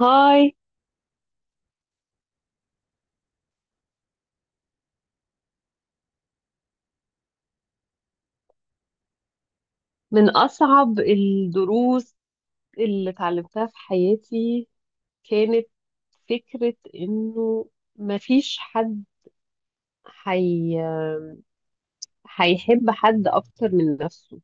هاي. من أصعب الدروس اللي اتعلمتها في حياتي كانت فكرة إنه مفيش حد حي... هيحب حد أكتر من نفسه.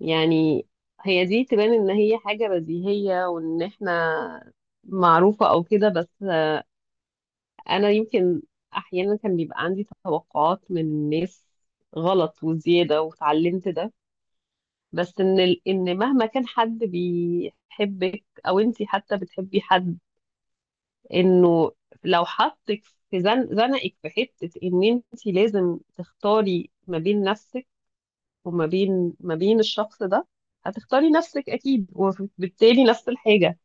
يعني هي دي تبان إن هي حاجة بديهية وإن إحنا معروفة أو كده، بس أنا يمكن أحيانا كان بيبقى عندي توقعات من الناس غلط وزيادة، وتعلمت ده. بس ان ان مهما كان حد بيحبك او انت حتى بتحبي حد، انه لو حطك في زنقك في حته ان انت لازم تختاري ما بين نفسك وما بين ما بين الشخص ده، هتختاري نفسك اكيد. وبالتالي نفس الحاجه،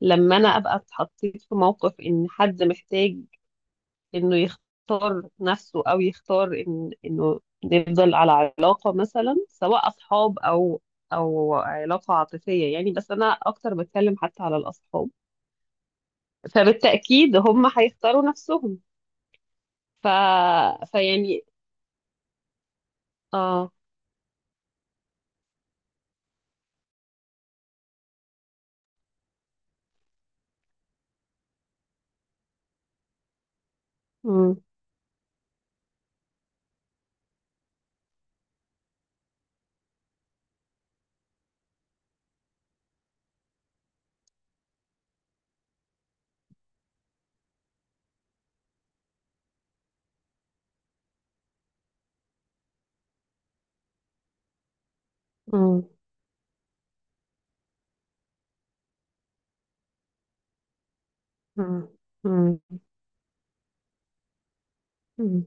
لما انا ابقى اتحطيت في موقف ان حد محتاج انه يختار نفسه او يختار إن انه يفضل على علاقة، مثلا سواء اصحاب او علاقة عاطفية، يعني بس انا اكتر بتكلم حتى على الاصحاب، فبالتأكيد هم هيختاروا نفسهم. ف فيعني، اه. مم. مم. مم. مم. مم.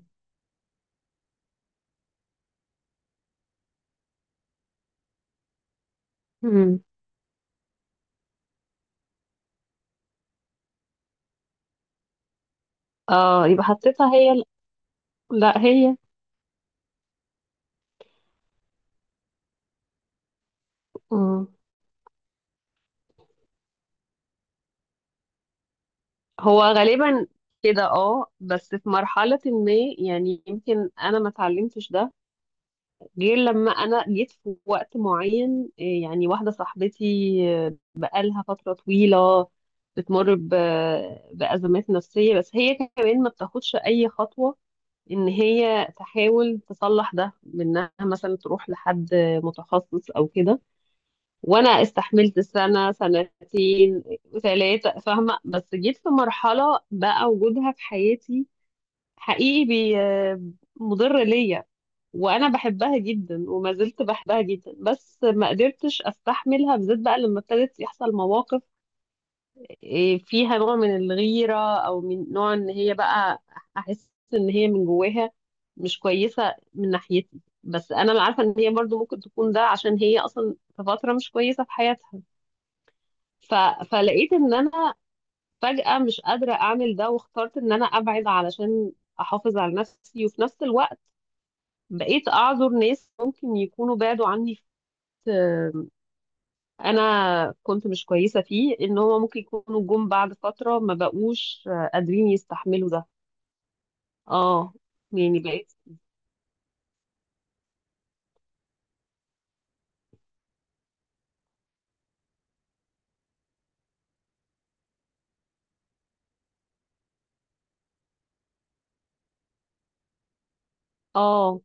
مم. اه، يبقى حطيتها هي لا هي. مم. هو غالبا كده، اه، بس في مرحلة ما، يعني يمكن انا ما اتعلمتش ده غير لما انا جيت في وقت معين، يعني واحده صاحبتي، بقالها فتره طويله بتمر بازمات نفسيه، بس هي كمان ما بتاخدش اي خطوه ان هي تحاول تصلح ده، بانها مثلا تروح لحد متخصص او كده. وانا استحملت سنه، سنتين، ثلاثه، فاهمه، بس جيت في مرحله بقى وجودها في حياتي حقيقي مضر ليا. وانا بحبها جدا، وما زلت بحبها جدا، بس ما قدرتش استحملها، بالذات بقى لما ابتدت يحصل مواقف فيها نوع من الغيرة، او من نوع ان هي بقى احس ان هي من جواها مش كويسة من ناحيتي، بس انا عارفة ان هي برضو ممكن تكون ده عشان هي اصلا في فترة مش كويسة في حياتها. ف... فلقيت ان انا فجأة مش قادرة اعمل ده، واخترت ان انا ابعد علشان احافظ على نفسي. وفي نفس الوقت بقيت أعذر ناس ممكن يكونوا بعدوا عني في وقت أنا كنت مش كويسة فيه، إن هما ممكن يكونوا جم بعد فترة ما بقوش قادرين يستحملوا ده. اه. يعني بقيت، اه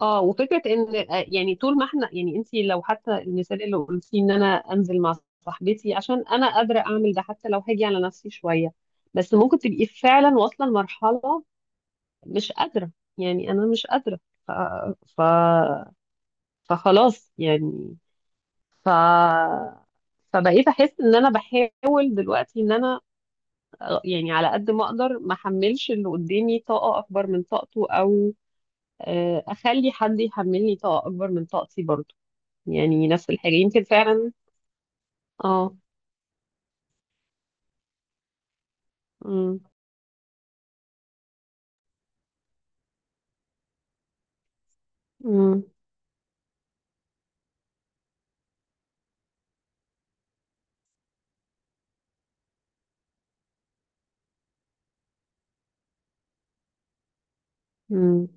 اه وفكرة إن، يعني طول ما احنا، يعني انت لو حتى المثال اللي قلتيه إن أنا أنزل مع صاحبتي عشان أنا قادرة أعمل ده، حتى لو هاجي على نفسي شوية، بس ممكن تبقي فعلا واصلة لمرحلة مش قادرة، يعني أنا مش قادرة. ف... ف... فخلاص يعني. ف فبقيت احس ان انا بحاول دلوقتي ان انا، يعني على قد ما اقدر ما احملش اللي قدامي طاقه اكبر من طاقته، او اخلي حد يحملني طاقه اكبر من طاقتي برضه، يعني نفس الحاجه يمكن فعلا. اه. امم. امم. امم.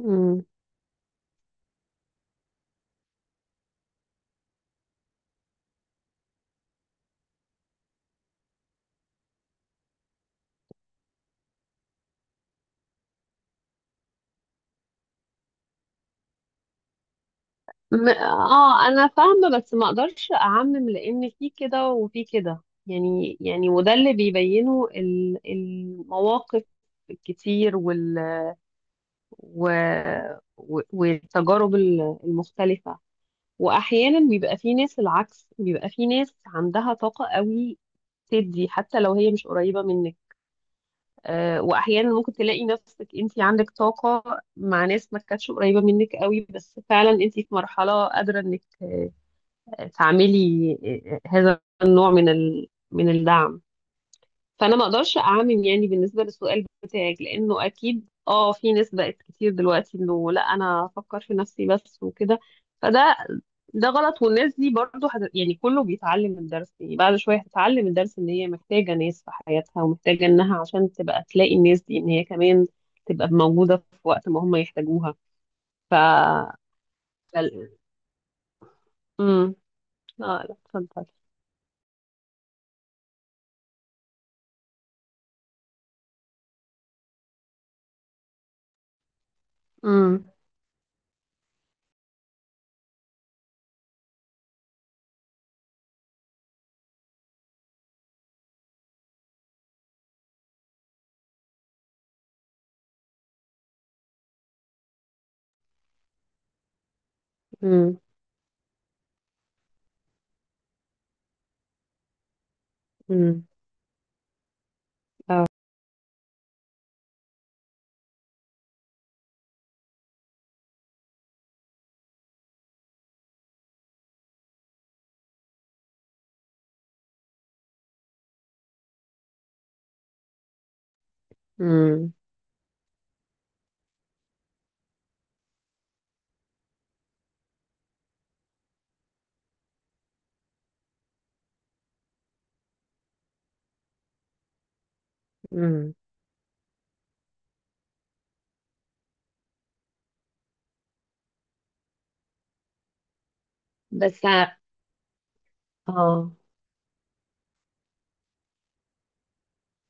امم. اه انا فاهمه، بس ما اقدرش اعمم لان في كده وفي كده يعني. يعني وده اللي بيبينه المواقف الكتير و... والتجارب المختلفة. وأحيانا بيبقى في ناس العكس، بيبقى في ناس عندها طاقة قوي تدي حتى لو هي مش قريبة منك، وأحيانا ممكن تلاقي نفسك أنت عندك طاقة مع ناس ما كانتش قريبة منك قوي، بس فعلا أنت في مرحلة قادرة إنك تعملي هذا النوع من من الدعم. فانا ما اقدرش اعمم يعني بالنسبه للسؤال بتاعك، لانه اكيد اه في ناس بقت كتير دلوقتي انه لا انا افكر في نفسي بس وكده، فده ده غلط. والناس دي برضو يعني كله بيتعلم الدرس، يعني بعد شويه هتتعلم الدرس ان هي محتاجه ناس في حياتها، ومحتاجه انها عشان تبقى تلاقي الناس دي ان هي كمان تبقى موجوده في وقت ما هم يحتاجوها. ف فال- امم. اه لا اتفضل. امم. امم. امم. امم. بس اه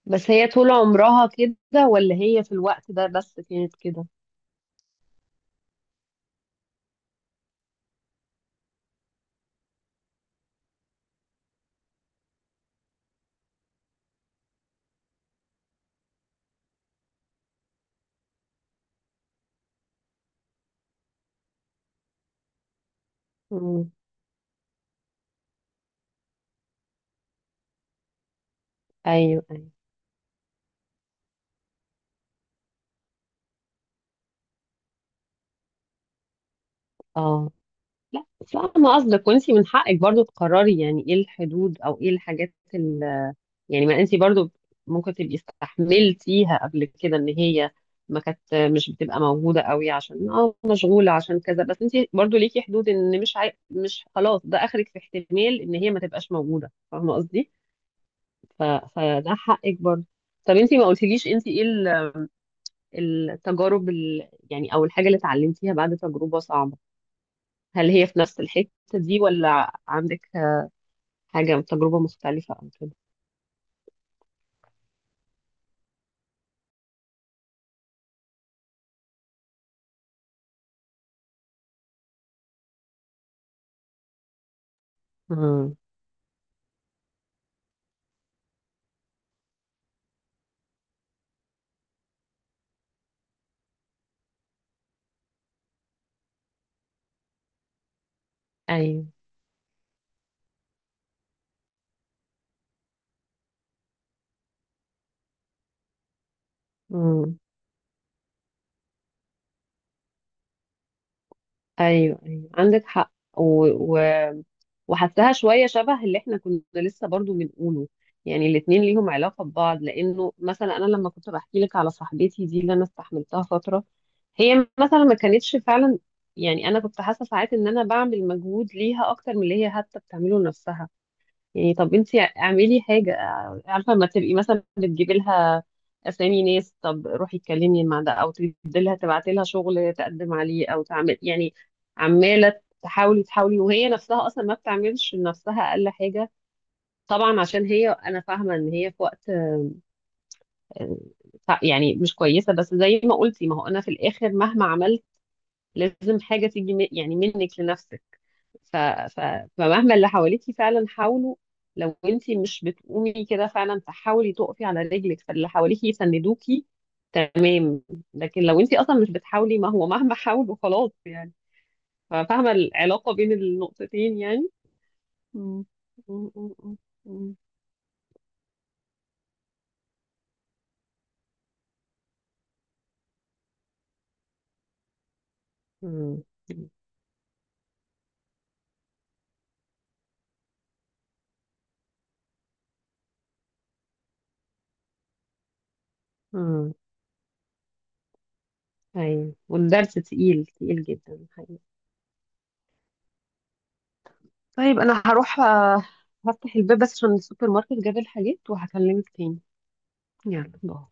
بس هي طول عمرها كده ولا هي في الوقت ده بس كانت كده؟ مم. ايوه، ايوه. اه، لا فاهمة قصدك، وانتي من حقك برضو تقرري يعني ايه الحدود او ايه الحاجات يعني. ما انتي برضو ممكن تبقي استحملتيها قبل كده ان هي ما كانت مش بتبقى موجودة قوي عشان اه مشغولة عشان كذا، بس انتي برضو ليكي حدود، ان مش مش خلاص ده اخرك في احتمال ان هي ما تبقاش موجودة، فاهمة قصدي؟ فده حقك برضو. طب انتي ما قلتليش انتي ايه التجارب يعني، او الحاجه اللي اتعلمتيها بعد تجربه صعبه؟ هل هي في نفس الحته دي، ولا عندك حاجه، تجربه مختلفه او كده؟ امم. ايوه. مم. ايوه، ايوه، عندك حق. و... و... وحسها شويه شبه اللي احنا كنا لسه برضو بنقوله، يعني الاتنين ليهم علاقه ببعض. لانه مثلا انا لما كنت بحكي لك على صاحبتي دي اللي انا استحملتها فتره، هي مثلا ما كانتش فعلا، يعني انا كنت حاسه ساعات ان انا بعمل مجهود ليها اكتر من اللي هي حتى بتعمله لنفسها. يعني طب انت اعملي حاجة، عارفة لما تبقي مثلا بتجيبي لها اسامي ناس، طب روحي اتكلمي مع ده، او تدي لها، تبعتي لها شغل تقدم عليه، او تعمل، يعني عمالة تحاولي تحاولي، وهي نفسها اصلا ما بتعملش لنفسها اقل حاجة. طبعا عشان هي، انا فاهمة ان هي في وقت يعني مش كويسة، بس زي ما قلتي، ما هو انا في الاخر مهما عملت لازم حاجة تيجي يعني منك لنفسك. ف... ف... فمهما اللي حواليكي فعلا حاولوا، لو انتي مش بتقومي كده فعلا تحاولي تقفي على رجلك، فاللي حواليكي يسندوكي، تمام. لكن لو انتي اصلا مش بتحاولي ما هو مهما حاولوا خلاص يعني. فاهمة العلاقة بين النقطتين يعني؟ مم. مم. مم. مم. امم. امم. ايوه، والدرس تقيل تقيل جدا حقيقي. طيب انا هروح، هفتح الباب بس عشان السوبر ماركت جاب الحاجات، وهكلمك تاني. يلا باي.